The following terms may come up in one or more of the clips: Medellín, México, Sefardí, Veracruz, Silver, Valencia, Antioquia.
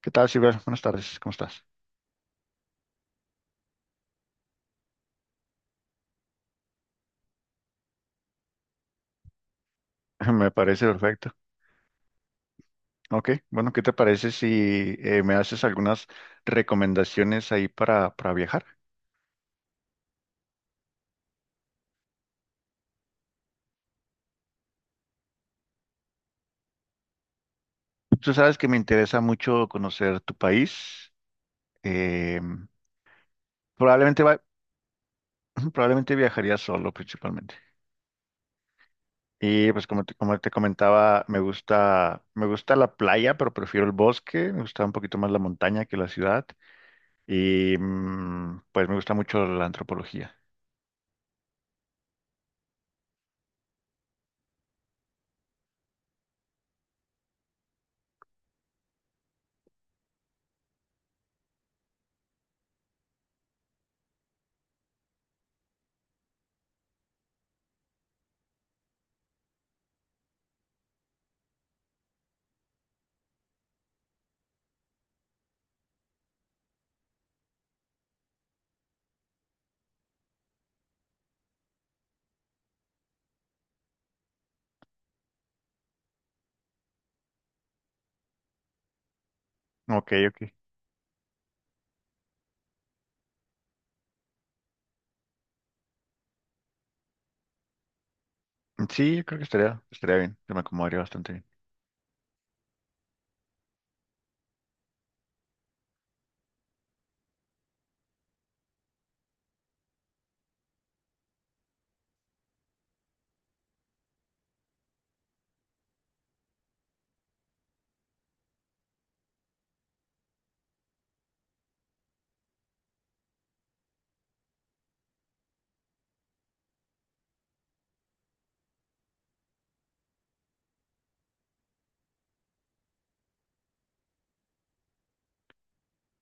¿Qué tal, Silver? Buenas tardes, ¿cómo estás? Me parece perfecto. Ok, bueno, ¿qué te parece si me haces algunas recomendaciones ahí para viajar? Tú sabes que me interesa mucho conocer tu país. eh, probablemente, va- Probablemente viajaría solo principalmente. Y pues como te comentaba, me gusta la playa, pero prefiero el bosque. Me gusta un poquito más la montaña que la ciudad. Y pues me gusta mucho la antropología. Ok, ok. Sí, yo creo que estaría bien. Yo me acomodaría bastante bien.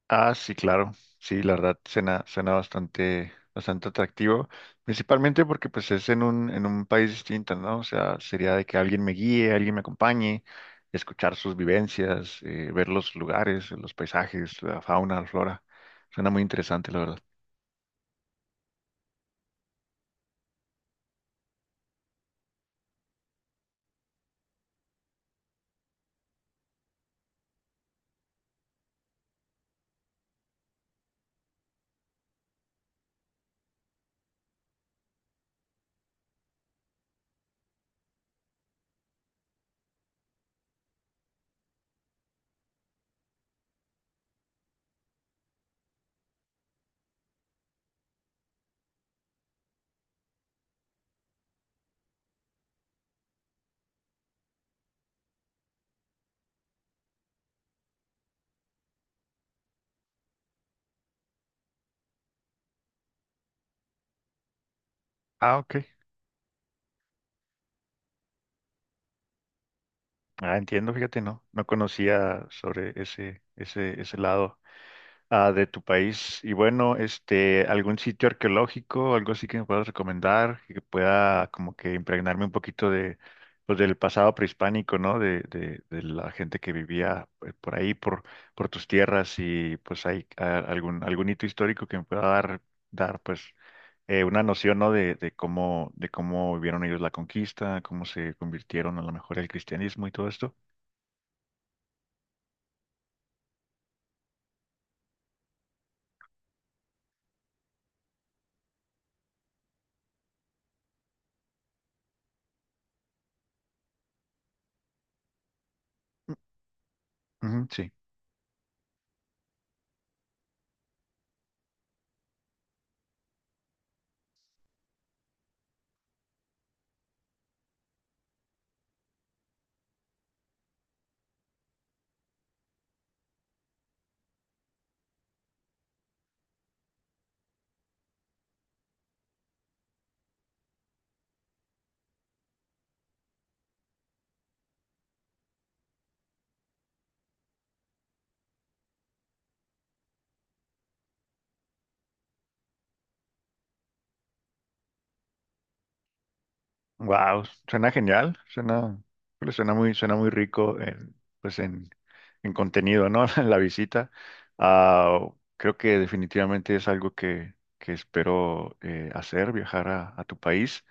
Ah, sí, claro. Sí, la verdad suena bastante atractivo. Principalmente porque pues es en en un país distinto, ¿no? O sea, sería de que alguien me guíe, alguien me acompañe, escuchar sus vivencias, ver los lugares, los paisajes, la fauna, la flora. Suena muy interesante, la verdad. Ah, ok. Ah, entiendo, fíjate, no, no conocía sobre ese lado. Ah, de tu país. Y bueno, este, algún sitio arqueológico, algo así que me puedas recomendar, que pueda como que impregnarme un poquito de, pues, del pasado prehispánico, ¿no? De la gente que vivía por ahí, por tus tierras y pues hay algún hito histórico que me pueda dar pues una noción, ¿no? De cómo, de cómo vivieron ellos la conquista, cómo se convirtieron a lo mejor al cristianismo y todo esto. Ujú, sí. Wow, suena genial, suena, pues, suena muy rico en, pues en contenido, ¿no? En la visita. Ah, creo que definitivamente es algo que espero hacer, viajar a tu país,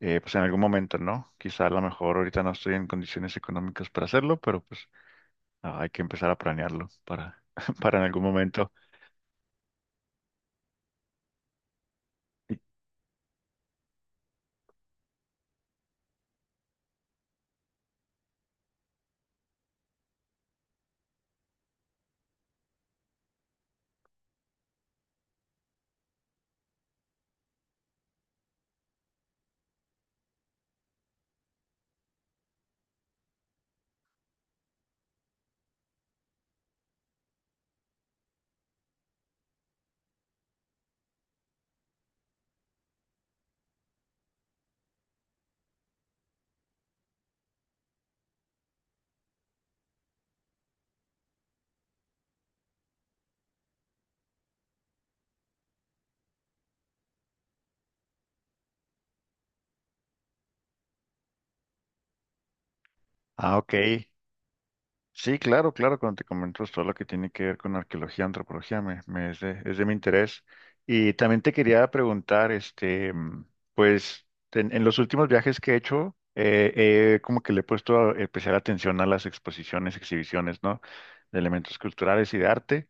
pues en algún momento, ¿no? Quizá a lo mejor ahorita no estoy en condiciones económicas para hacerlo, pero pues hay que empezar a planearlo para, para en algún momento. Ah, ok. Sí, claro, claro, cuando te comento todo lo que tiene que ver con arqueología, antropología, me es de mi interés. Y también te quería preguntar, este, pues, en los últimos viajes que he hecho, como que le he puesto especial atención a las exposiciones, exhibiciones, ¿no? De elementos culturales y de arte,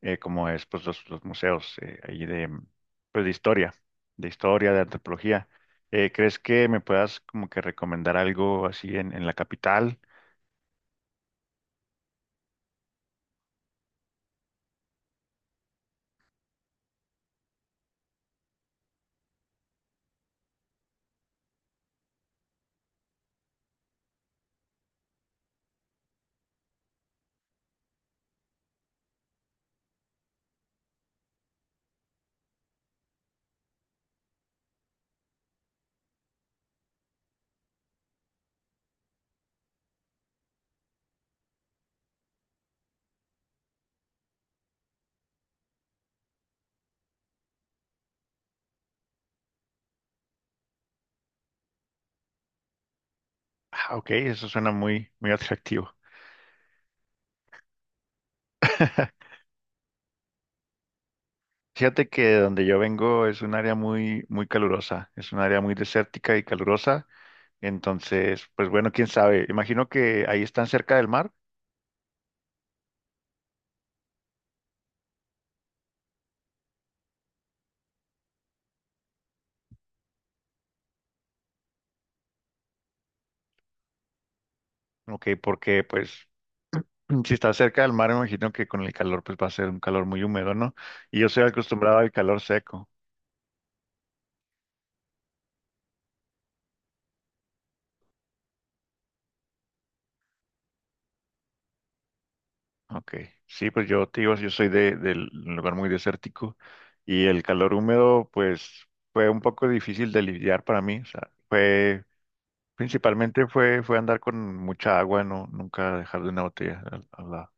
como es, pues, los museos, ahí de, pues, de historia, de historia, de antropología. ¿Crees que me puedas como que recomendar algo así en la capital? Ah, ok, eso suena muy atractivo. Fíjate que de donde yo vengo es un área muy calurosa, es un área muy desértica y calurosa, entonces, pues bueno, quién sabe, imagino que ahí están cerca del mar. Ok, porque pues si está cerca del mar, imagino que con el calor pues va a ser un calor muy húmedo, ¿no? Y yo soy acostumbrado al calor seco. Ok, sí, pues yo, te digo, yo soy de, del lugar muy desértico y el calor húmedo pues fue un poco difícil de lidiar para mí, o sea, fue. Principalmente fue andar con mucha agua, no, nunca dejar de una botella al lado.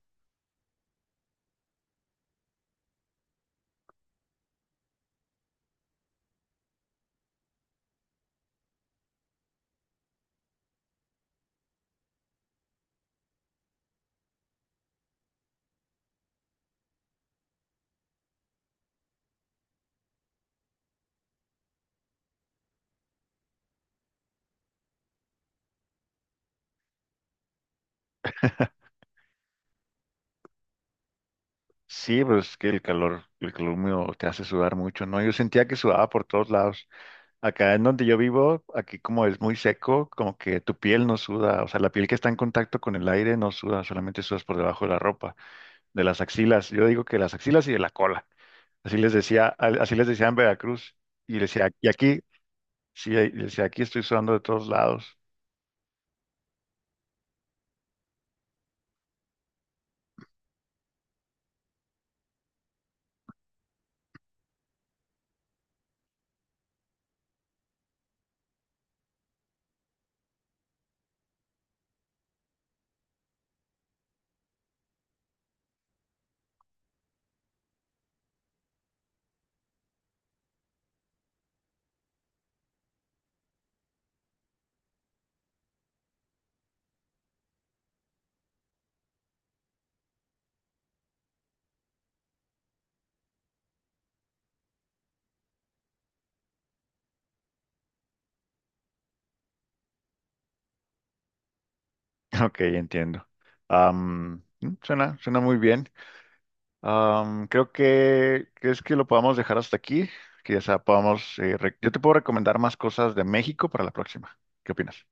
Sí, pues es que el calor húmedo te hace sudar mucho, ¿no? Yo sentía que sudaba por todos lados. Acá en donde yo vivo, aquí como es muy seco, como que tu piel no suda, o sea, la piel que está en contacto con el aire no suda, solamente sudas por debajo de la ropa, de las axilas. Yo digo que las axilas y de la cola. Así les decía, así les decía en Veracruz. Y decía, y aquí, sí, y decía, aquí estoy sudando de todos lados. Ok, entiendo. Am, suena, suena muy bien. Am, creo que, ¿crees que lo podamos dejar hasta aquí? Que ya podamos, yo te puedo recomendar más cosas de México para la próxima. ¿Qué opinas?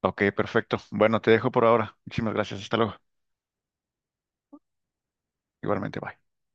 Ok, perfecto. Bueno, te dejo por ahora. Muchísimas gracias. Hasta luego. Igualmente, bye.